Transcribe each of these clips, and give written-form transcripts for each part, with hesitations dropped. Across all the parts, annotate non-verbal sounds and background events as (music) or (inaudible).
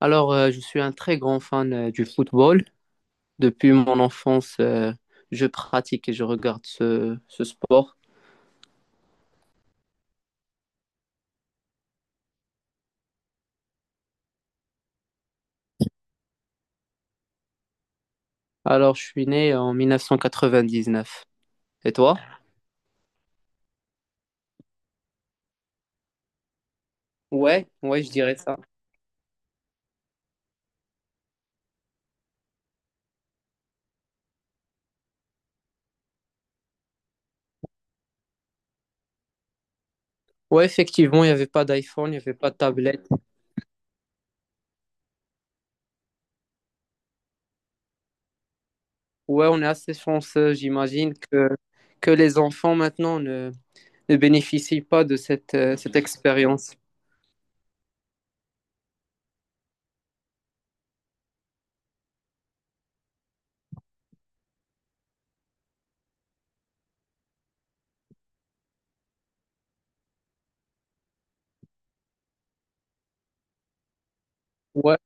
Alors, je suis un très grand fan du football. Depuis mon enfance, je pratique et je regarde ce sport. Alors, je suis né en 1999. Et toi? Ouais, ouais, je dirais ça. Ouais, effectivement, il n'y avait pas d'iPhone, il n'y avait pas de tablette. Ouais, on est assez chanceux, j'imagine, que les enfants maintenant ne bénéficient pas de cette, cette expérience. Ouais,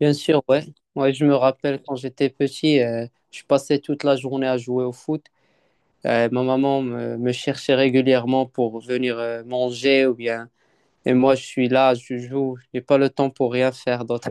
bien sûr, ouais. Ouais, je me rappelle quand j'étais petit, je passais toute la journée à jouer au foot. Ma maman me cherchait régulièrement pour venir manger ou bien. Et moi, je suis là, je joue, j'ai pas le temps pour rien faire d'autre.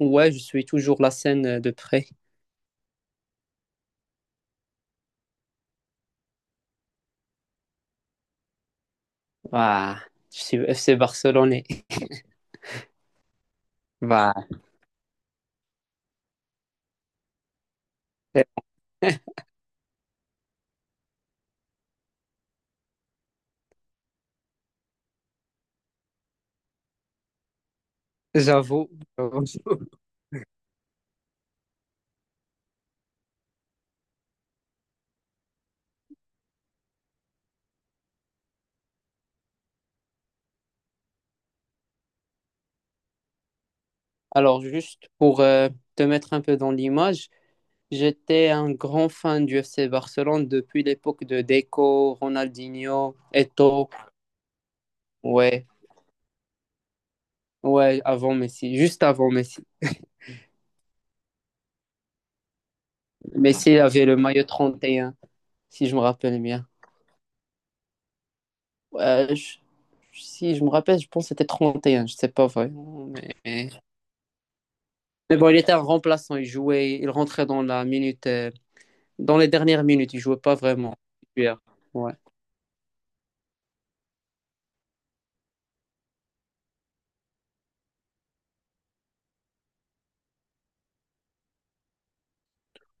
Ouais, je suis toujours la scène de près. Ouah, je suis FC Barcelonais. Bah, (laughs) j'avoue. Alors, juste pour te mettre un peu dans l'image, j'étais un grand fan du FC Barcelone depuis l'époque de Deco, Ronaldinho, Eto'o. Ouais, ouais, avant Messi, juste avant Messi. Messi il avait le maillot 31, si je me rappelle bien. Ouais, si je me rappelle, je pense que c'était 31. Je sais pas vraiment. Mais bon, il était un remplaçant, il jouait, il rentrait dans la minute, dans les dernières minutes, il jouait pas vraiment. Titulaire. Ouais.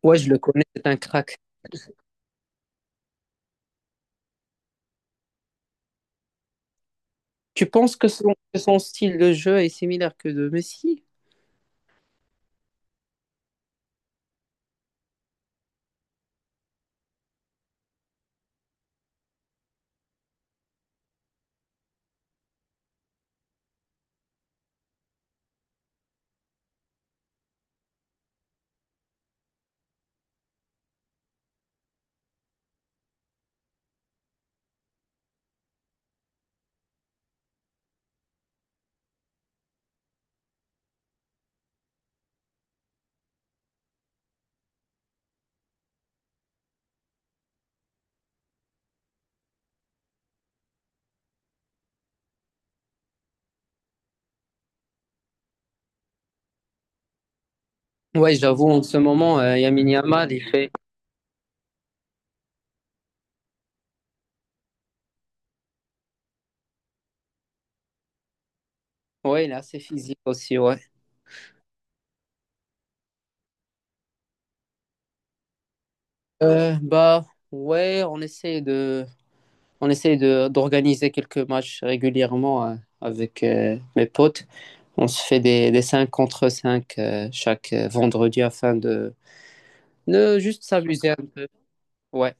Ouais, je le connais, c'est un crack. Tu penses que son style de jeu est similaire que de Messi? Ouais, j'avoue, en ce moment, Lamine Yamal, il fait. Ouais, il est assez physique aussi, ouais. Bah, ouais, on essaie de. On essaye de d'organiser quelques matchs régulièrement avec mes potes. On se fait des 5 contre 5 chaque vendredi afin de juste s'amuser un peu. Ouais.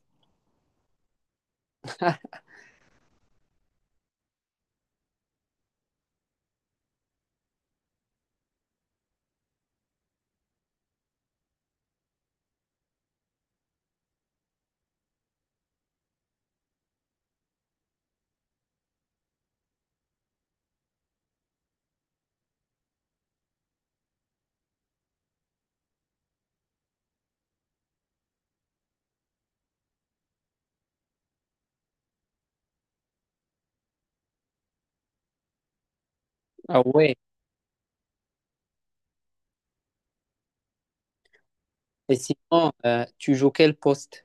Ah ouais. Et sinon, tu joues quel poste?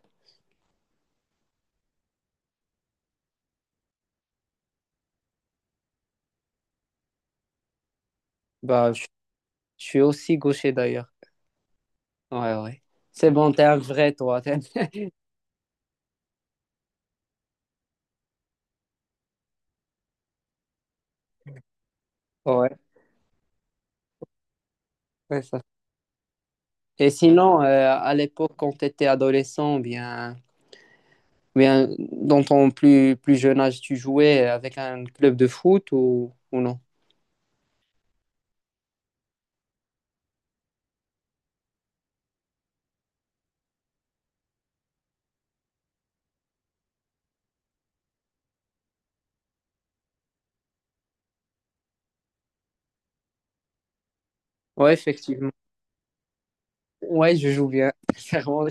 Bah, je suis aussi gaucher d'ailleurs. Ouais, ouais. C'est bon, t'es un vrai toi. (laughs) Ouais, c'est ça. Et sinon, à l'époque, quand tu étais adolescent, bien, dans ton plus jeune âge, tu jouais avec un club de foot ou non? Ouais, effectivement. Ouais, je joue bien. (laughs) C'est vraiment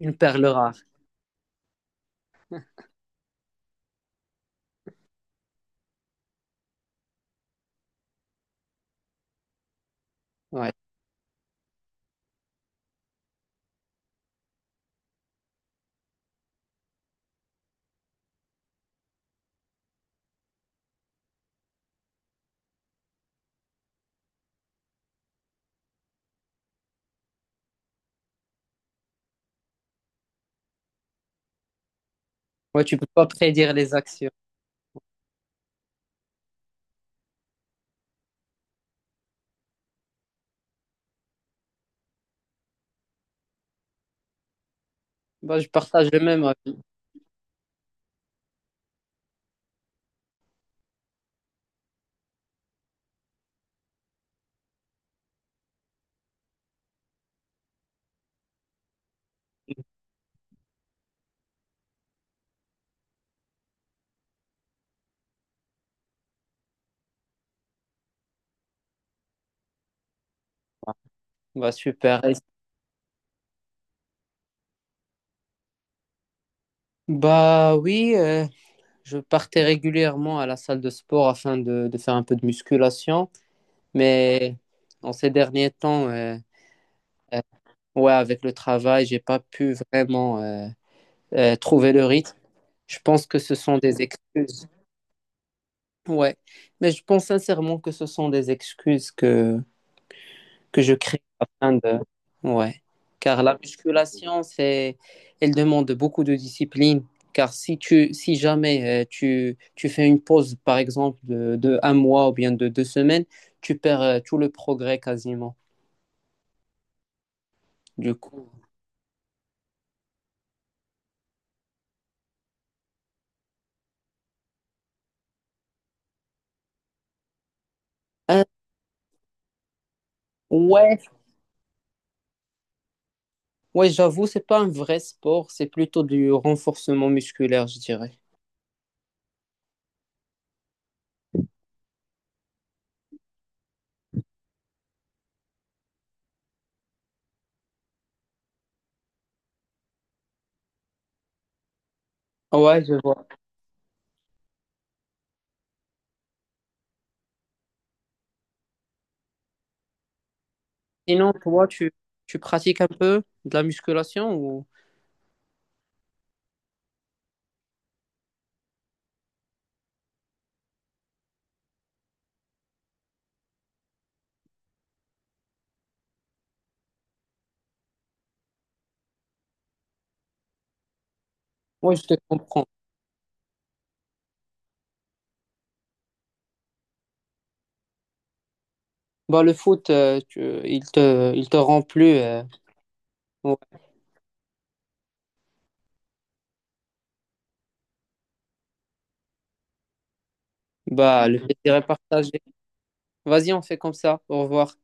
une perle rare. Ouais. Ouais, tu peux pas prédire les actions. Bah, je partage le même avis. Bah, super. Et- Bah oui, je partais régulièrement à la salle de sport afin de faire un peu de musculation, mais en ces derniers temps, euh, ouais, avec le travail, j'ai pas pu vraiment trouver le rythme. Je pense que ce sont des excuses. Ouais, mais je pense sincèrement que ce sont des excuses que je crée afin de... Ouais. Car la musculation, c'est, elle demande beaucoup de discipline. Car si jamais tu fais une pause, par exemple, de un mois ou bien de deux semaines, tu perds tout le progrès quasiment. Du coup, Euh, ouais, ouais, j'avoue, c'est pas un vrai sport, c'est plutôt du renforcement musculaire, je dirais. Ouais, je vois. Sinon, tu pratiques un peu de la musculation ou... Ouais, je te comprends. Bah, le foot, il te rend plus. Ouais. Bah, le plaisir est partagé. Vas-y, on fait comme ça. Au revoir.